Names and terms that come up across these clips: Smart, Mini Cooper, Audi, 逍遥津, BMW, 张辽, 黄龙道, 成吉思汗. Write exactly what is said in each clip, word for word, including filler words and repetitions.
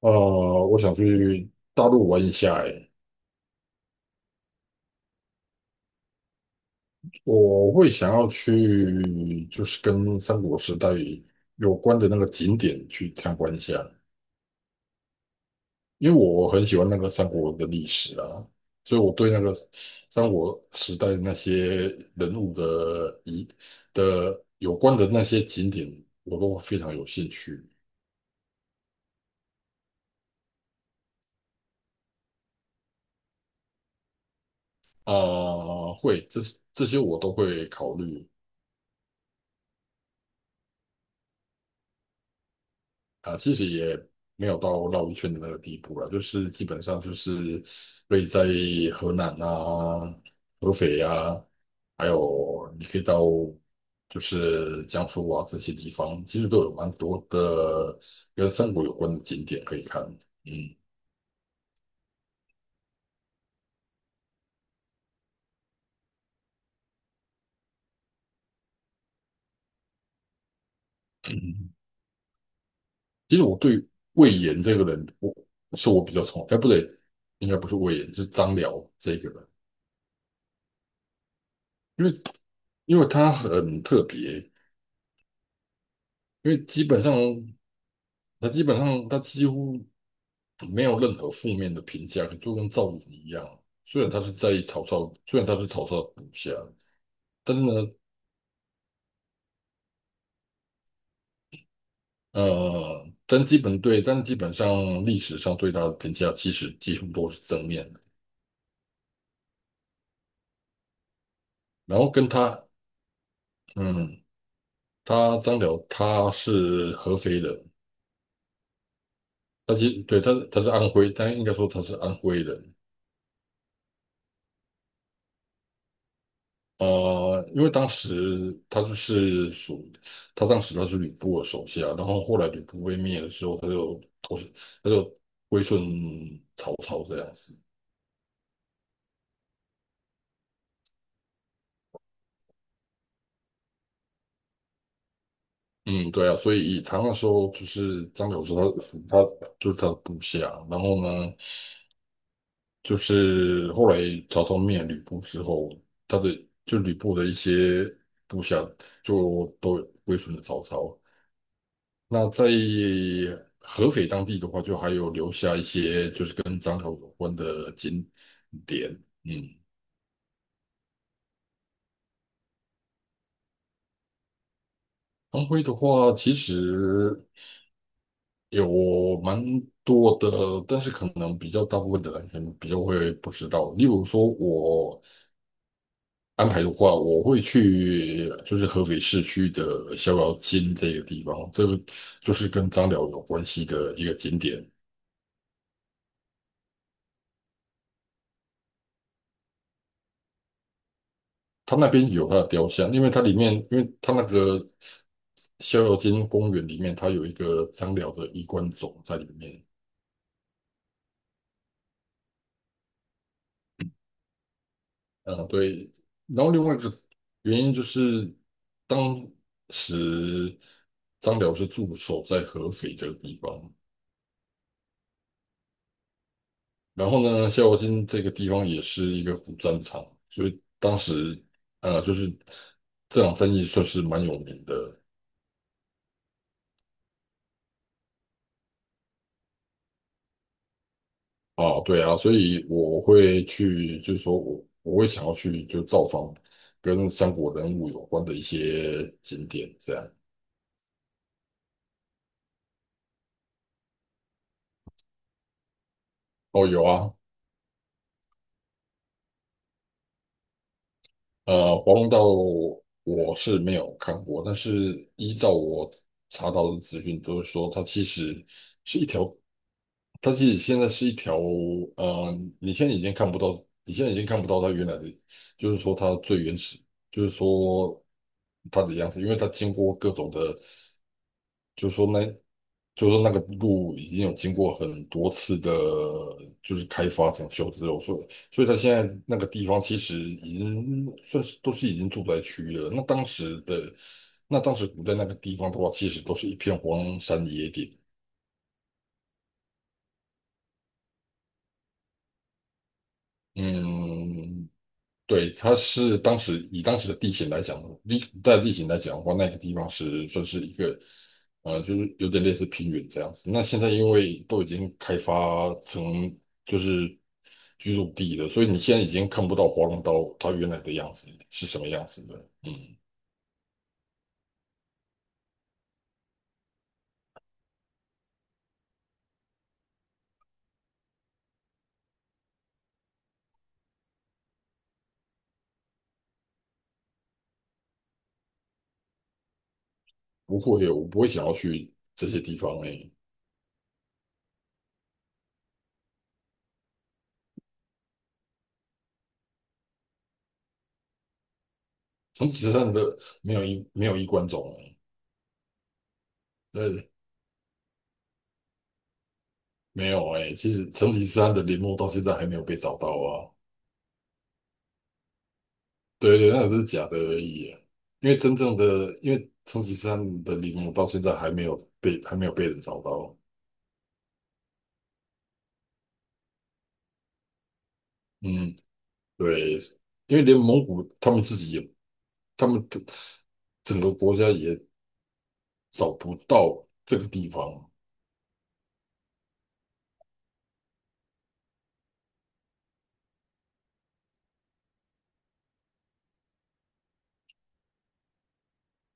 呃，我想去大陆玩一下，诶，我会想要去就是跟三国时代有关的那个景点去参观一下，因为我很喜欢那个三国的历史啊，所以我对那个三国时代那些人物的一的有关的那些景点，我都非常有兴趣啊，会，这这些我都会考虑。啊，其实也没有到绕一圈的那个地步了，就是基本上就是以在河南啊、合肥啊，还有你可以到就是江苏啊这些地方，其实都有蛮多的跟三国有关的景点可以看。嗯，嗯，其实我对魏延这个人，我是我比较崇，哎，不对，应该不是魏延，是张辽这个人，因为因为他很特别，因为基本上。他基本上他几乎没有任何负面的评价，就跟赵云一样。虽然他是在曹操，虽然他是曹操的部下，但是呢，呃，但基本对，但基本上历史上对他的评价其实几乎都是正面的。然后跟他，嗯，他张辽他是合肥人，他其实对他他是安徽，但应该说他是安徽人。呃，因为当时他就是属，他当时他是吕布的手下，然后后来吕布被灭的时候，他就投，他就归顺曹操这样子。嗯，对啊，所以他那时候就是张角是他他就是他的部下，然后呢，就是后来曹操灭吕布之后，他的就吕布的一些部下就都归顺了曹操。那在合肥当地的话，就还有留下一些就是跟张辽有关的景点。嗯，安徽的话，其实有蛮多的，但是可能比较大部分的人可能比较会不知道。例如说，我安排的话，我会去就是合肥市区的逍遥津这个地方，这个就是跟张辽有关系的一个景点。它那边有它的雕像，因为它里面，因为它那个逍遥津公园里面，它有一个张辽的衣冠冢在里面。嗯，对。然后另外一个原因就是，当时张辽是驻守在合肥这个地方，然后呢，逍遥津这个地方也是一个古战场，所以当时呃，就是这场战役算是蛮有名的。啊，对啊，所以我会去，就是说我我会想要去就造访跟三国人物有关的一些景点，这样。哦，有啊，呃，黄龙道我是没有看过，但是依照我查到的资讯，都是说它其实它其实现在是一条，呃，你现在已经看不到，你现在已经看不到它原来的，就是说它最原始，就是说它的样子，因为它经过各种的。就是说那，就是说那个路已经有经过很多次的，就是开发整修之后，所以所以它现在那个地方其实已经算是都是已经住宅区了。那当时的，那当时古代那个地方的话，其实都是一片荒山野岭。嗯，对，它是当时以当时的地形来讲，地在地形来讲的话，那个地方是算是一个，呃，就是有点类似平原这样子。那现在因为都已经开发成就是居住地了，所以你现在已经看不到华龙岛它原来的样子是什么样子的。嗯，不会，我不会想要去这些地方诶、成吉思汗的没有一没有衣冠冢。诶、对，没有诶、其实成吉思汗的陵墓到现在还没有被找到啊。对对，那只是假的而已啊因为真正的，因为成吉思汗的陵墓到现在还没有被还没有被人找到。嗯，对，因为连蒙古他们自己也，他们的整个国家也找不到这个地方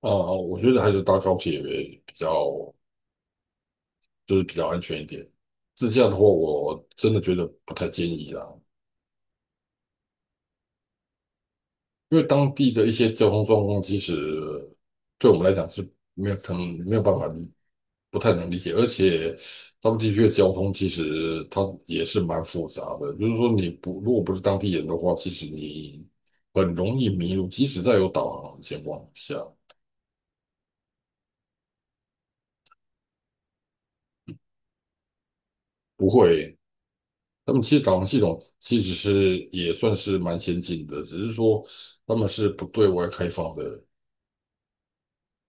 啊。我觉得还是搭高铁为比较，就是比较安全一点。自驾的话，我真的觉得不太建议啦，因为当地的一些交通状况，其实对我们来讲是没有可能没有办法不太能理解，而且他们地区的交通其实它也是蛮复杂的，就是说你不如果不是当地人的话，其实你很容易迷路，即使在有导航的情况下，不会。他们其实导航系统其实是也算是蛮先进的，只是说他们是不对外开放的，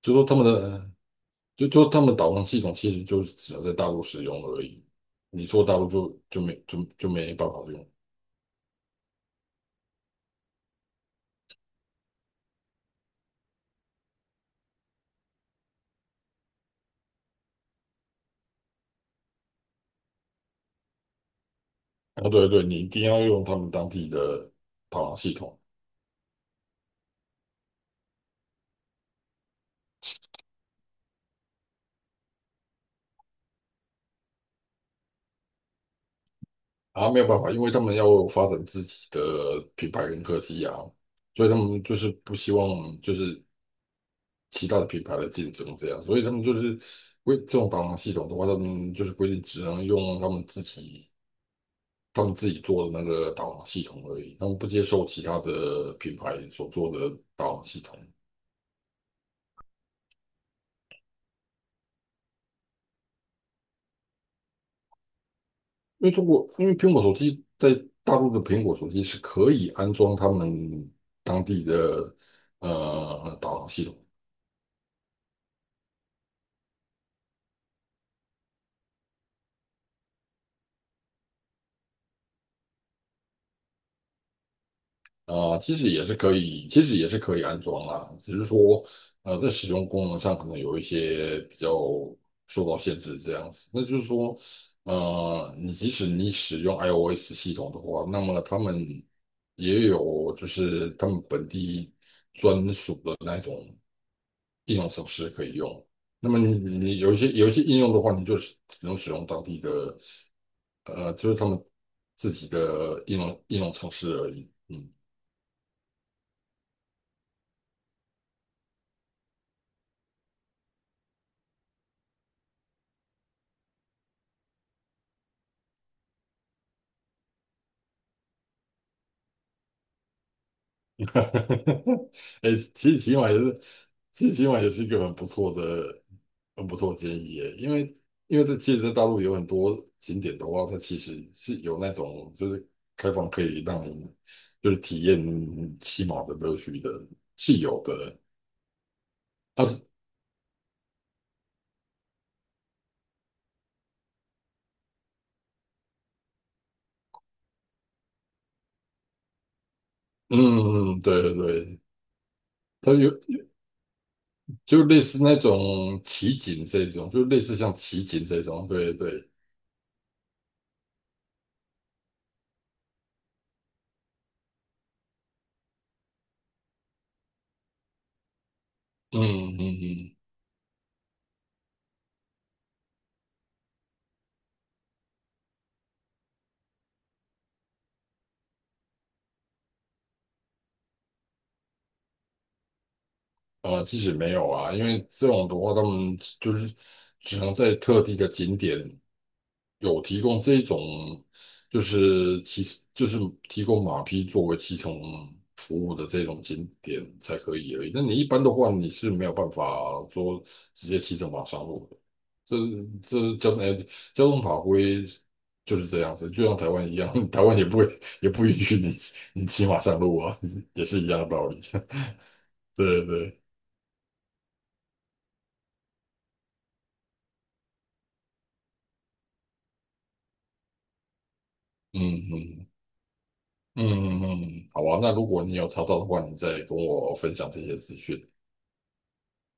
就说他们的就就他们导航系统其实就是只能在大陆使用而已，你说大陆就就没就就没办法用。啊，对对，你一定要用他们当地的导航系统啊，没有办法，因为他们要发展自己的品牌跟科技啊，所以他们就是不希望就是其他的品牌来竞争这样，所以他们就是规这种导航系统的话，他们就是规定只能用他们自己他们自己做的那个导航系统而已，他们不接受其他的品牌所做的导航系统。因为中国，因为苹果手机在大陆的苹果手机是可以安装他们当地的呃导航系统啊、其实也是可以，其实也是可以安装啦，只是说呃在使用功能上可能有一些比较受到限制这样子。那就是说，呃，你即使你使用 i o s 系统的话，那么他们也有就是他们本地专属的那种，应用程式可以用。那么你你有一些有一些应用的话，你就只能使用当地的，呃，就是他们自己的应用应用程式而已。嗯，哎，其实起码也是，其实起码也是一个很不错的、很不错的建议耶。因为因为这其实，在大陆有很多景点的话，它其实是有那种就是开放可以让你就是体验骑马的乐趣的，是有的。啊，嗯，对对对，它有就类似那种奇景这种，就类似像奇景这种，对对，嗯嗯嗯，呃，其实没有啊，因为这种的话，他们就是只能在特定的景点有提供这一种就是骑就是提供马匹作为骑乘服务的这种景点才可以而已。那你一般的话，你是没有办法说直接骑着马上路的。这这交哎交通法规就是这样子，就像台湾一样，台湾也不会也不允许你你骑马上路啊，也是一样的道理。对对，嗯嗯嗯嗯嗯，好啊。那如果你有查到的话，你再跟我分享这些资讯。